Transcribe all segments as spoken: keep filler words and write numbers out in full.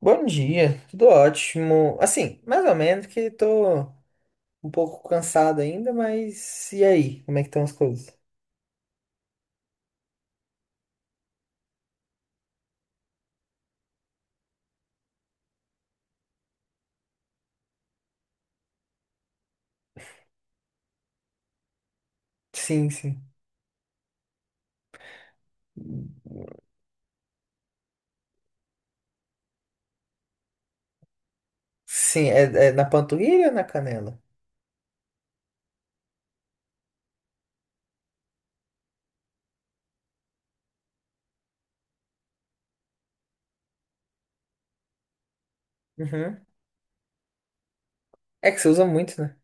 Bom dia, tudo ótimo. Assim, mais ou menos que tô um pouco cansado ainda, mas e aí? Como é que estão as coisas? Sim, sim. Sim, é, é na panturrilha ou na canela? Uhum. É que você usa muito, né?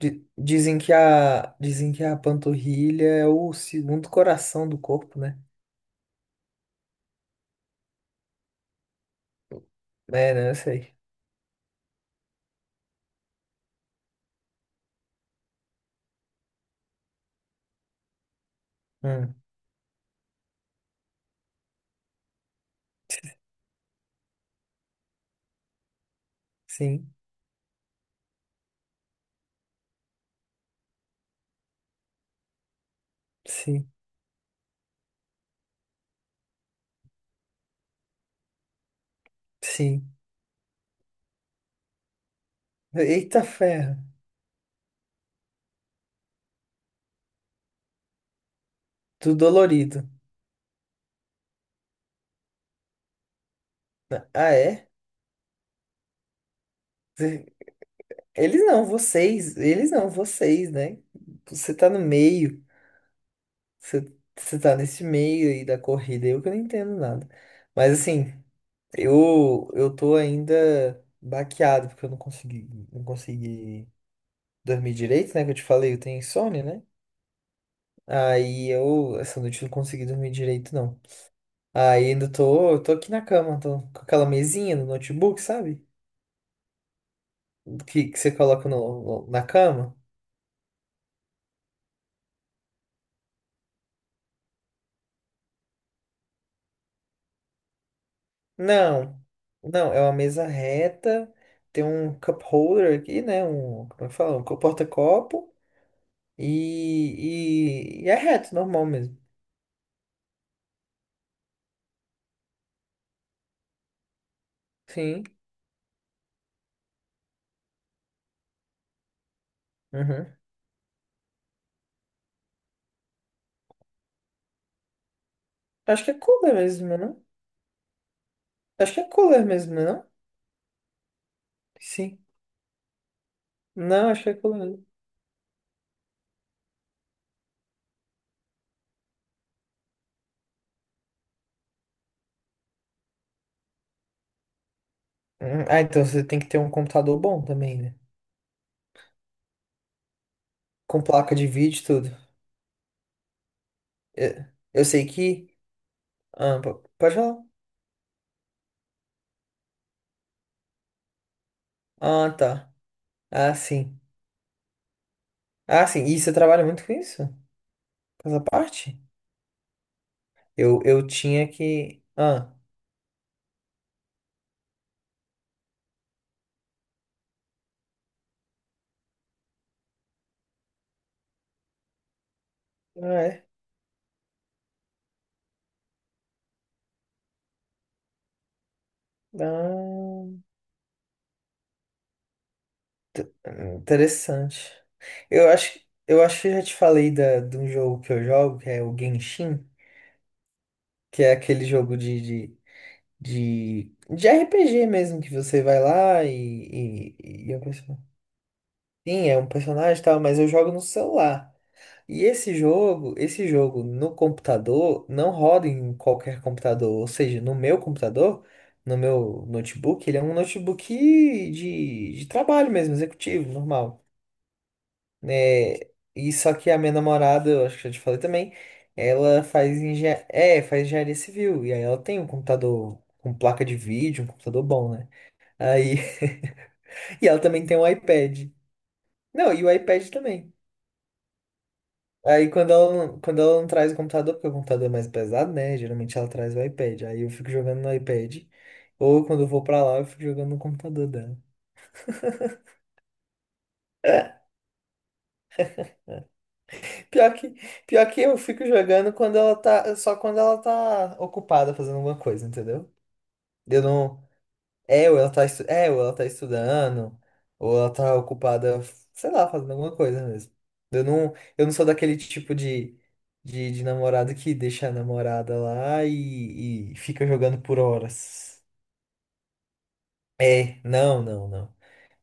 Di- Dizem que a, dizem que a panturrilha é o segundo coração do corpo, né? É, né? Eu sei. Hum. Sim, sim, sim. Eita ferro, tudo dolorido. Ah, é? Eles não, vocês, eles não, vocês, né? Você tá no meio, você, você tá nesse meio aí da corrida, eu que não entendo nada. Mas assim, eu eu tô ainda baqueado, porque eu não consegui, não consegui dormir direito, né? Que eu te falei, eu tenho insônia, né? Aí eu, essa noite eu não consegui dormir direito, não. Aí ainda tô, tô aqui na cama, tô com aquela mesinha no notebook, sabe? Que, que você coloca no, no- na cama. Não, não, é uma mesa reta, tem um cup holder aqui, né? Um, como é que fala? Um co- porta-copo e, e, e é reto, normal mesmo. Sim. Uhum. Acho que é cooler mesmo, né? Não? Acho que é cooler mesmo, né? Não? Sim. Não, acho que é cooler mesmo. Uhum. Ah, então você tem que ter um computador bom também, né? Com placa de vídeo e tudo. Eu, eu sei que. Ah, po- pode falar? Ah, tá. Ah, sim. Ah, sim. E você trabalha muito com isso? Com essa parte? Eu, eu tinha que. Ah, ah, é. Ah, interessante. Eu acho, eu acho que eu já te falei da, de um jogo que eu jogo, que é o Genshin, que é aquele jogo de, de, de, de R P G mesmo, que você vai lá e, e, e é um person- Sim, é um personagem e tal, mas eu jogo no celular. E esse jogo, esse jogo no computador, não roda em qualquer computador. Ou seja, no meu computador, no meu notebook, ele é um notebook de, de trabalho mesmo, executivo, normal. É, e só que a minha namorada, eu acho que já te falei também, ela faz, engen é, faz engenharia civil. E aí ela tem um computador com placa de vídeo, um computador bom, né? Aí, e ela também tem um iPad. Não, e o iPad também. Aí quando ela, não- quando ela não traz o computador, porque o computador é mais pesado, né? Geralmente ela traz o iPad. Aí eu fico jogando no iPad. Ou quando eu vou pra lá, eu fico jogando no computador dela. Pior que, pior que eu fico jogando quando ela tá, só quando ela tá ocupada fazendo alguma coisa, entendeu? Eu não. É, ou ela tá, estu- é, ou ela tá estudando, ou ela tá ocupada, sei lá, fazendo alguma coisa mesmo. Eu não, eu não sou daquele tipo de, de, de namorado que deixa a namorada lá e, e fica jogando por horas. É, não, não, não.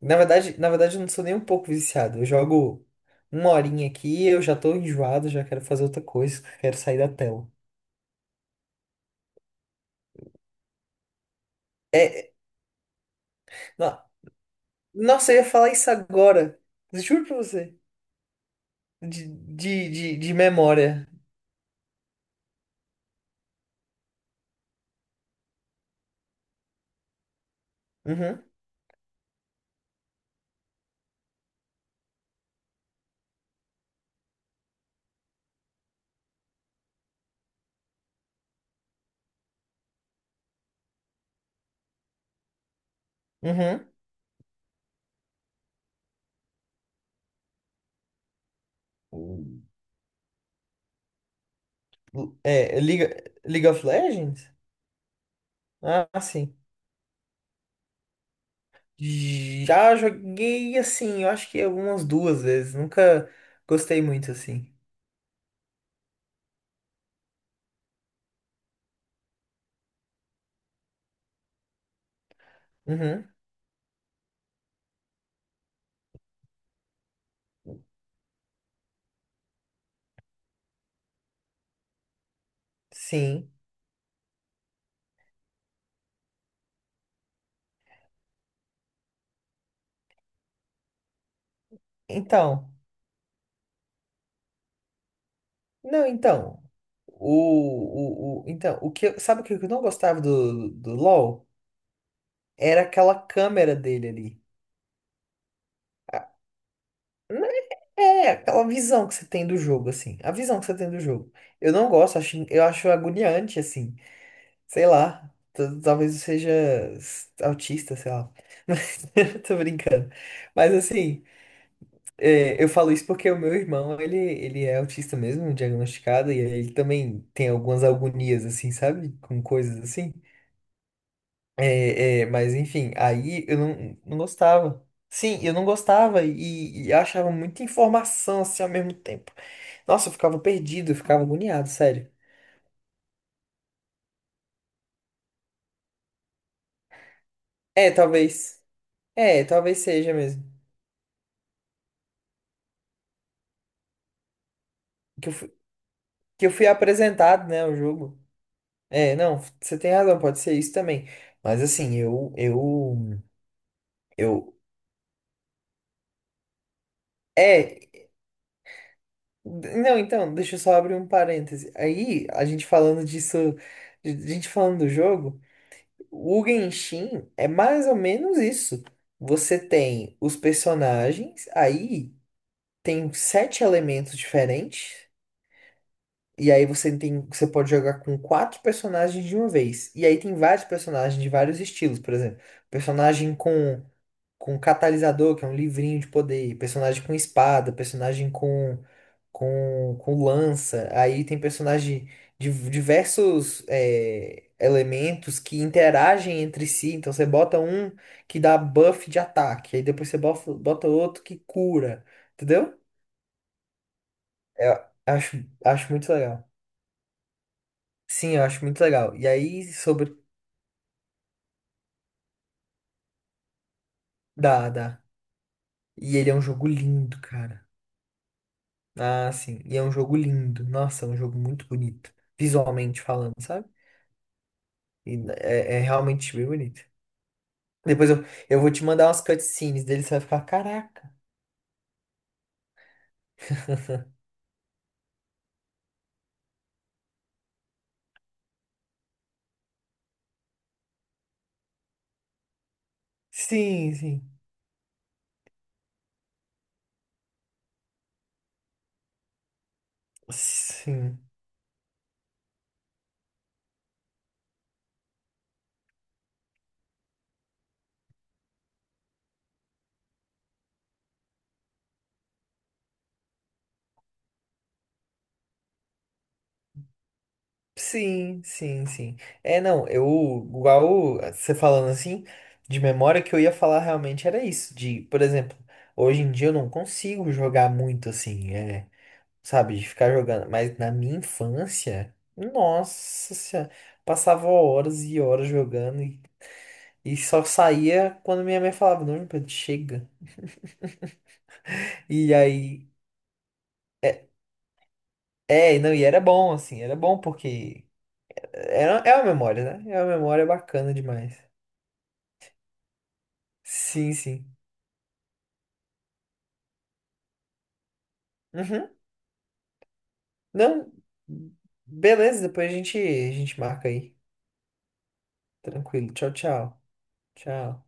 Na verdade, na verdade, eu não sou nem um pouco viciado. Eu jogo uma horinha aqui, eu já tô enjoado, já quero fazer outra coisa, quero sair da tela. É, é, no- nossa, eu ia falar isso agora. Juro pra você. De, de, de, de memória. Uhum, uhum. É, League, League of Legends? Ah, sim. Já joguei assim, eu acho que algumas duas vezes. Nunca gostei muito assim. Uhum, sim. Então, não, então. O, o, o, então, o que, eu- sabe o que eu não gostava do, do LoL? Era aquela câmera dele ali. A- né, É, é, aquela visão que você tem do jogo, assim. A visão que você tem do jogo. Eu não gosto, acho, eu acho agoniante, assim. Sei lá, t- talvez eu seja s- autista, sei lá. Mas tô brincando. Mas assim, é, eu falo isso porque o meu irmão, ele, ele é autista mesmo, diagnosticado, e ele também tem algumas agonias, assim, sabe? Com coisas assim. É, é, mas enfim, aí eu não, não gostava. Sim, eu não gostava e, e achava muita informação assim ao mesmo tempo. Nossa, eu ficava perdido, eu ficava agoniado, sério. É, talvez. É, talvez seja mesmo. que eu que eu fui apresentado, né, o jogo. É, não, você tem razão, pode ser isso também. Mas assim, eu, eu, eu, é, não, então, deixa eu só abrir um parêntese. Aí, a gente falando disso, de- de gente falando do jogo, o Genshin é mais ou menos isso. Você tem os personagens, aí tem sete elementos diferentes. E aí você tem, você pode jogar com quatro personagens de uma vez. E aí tem vários personagens de vários estilos, por exemplo, personagem com com catalisador, que é um livrinho de poder, personagem com espada, personagem com com, com lança. Aí tem personagem de diversos é, elementos que interagem entre si. Então você bota um que dá buff de ataque, aí depois você bof- bota outro que cura, entendeu? É, Eu acho acho muito legal. Sim, eu acho muito legal. E aí, sobre. Dá, dá. E ele é um jogo lindo, cara. Ah, sim. E é um jogo lindo. Nossa, é um jogo muito bonito. Visualmente falando, sabe? E é, é realmente bem bonito. Depois eu, eu vou te mandar umas cutscenes dele, você vai ficar, caraca. Sim, sim. Sim. Sim, sim, sim. É, não, eu, igual você falando assim, de memória que eu ia falar realmente era isso, de, por exemplo, hoje em dia eu não consigo jogar muito assim, é, sabe? De ficar jogando. Mas na minha infância, nossa senhora, passava horas e horas jogando e, e só saía quando minha mãe falava, não, Pedro, chega. E aí, é, é, não, e era bom, assim, era bom porque era, é uma memória, né? É uma memória bacana demais. Sim, sim. Uhum. Não, beleza, depois a gente, a gente marca aí. Tranquilo. Tchau, tchau. Tchau.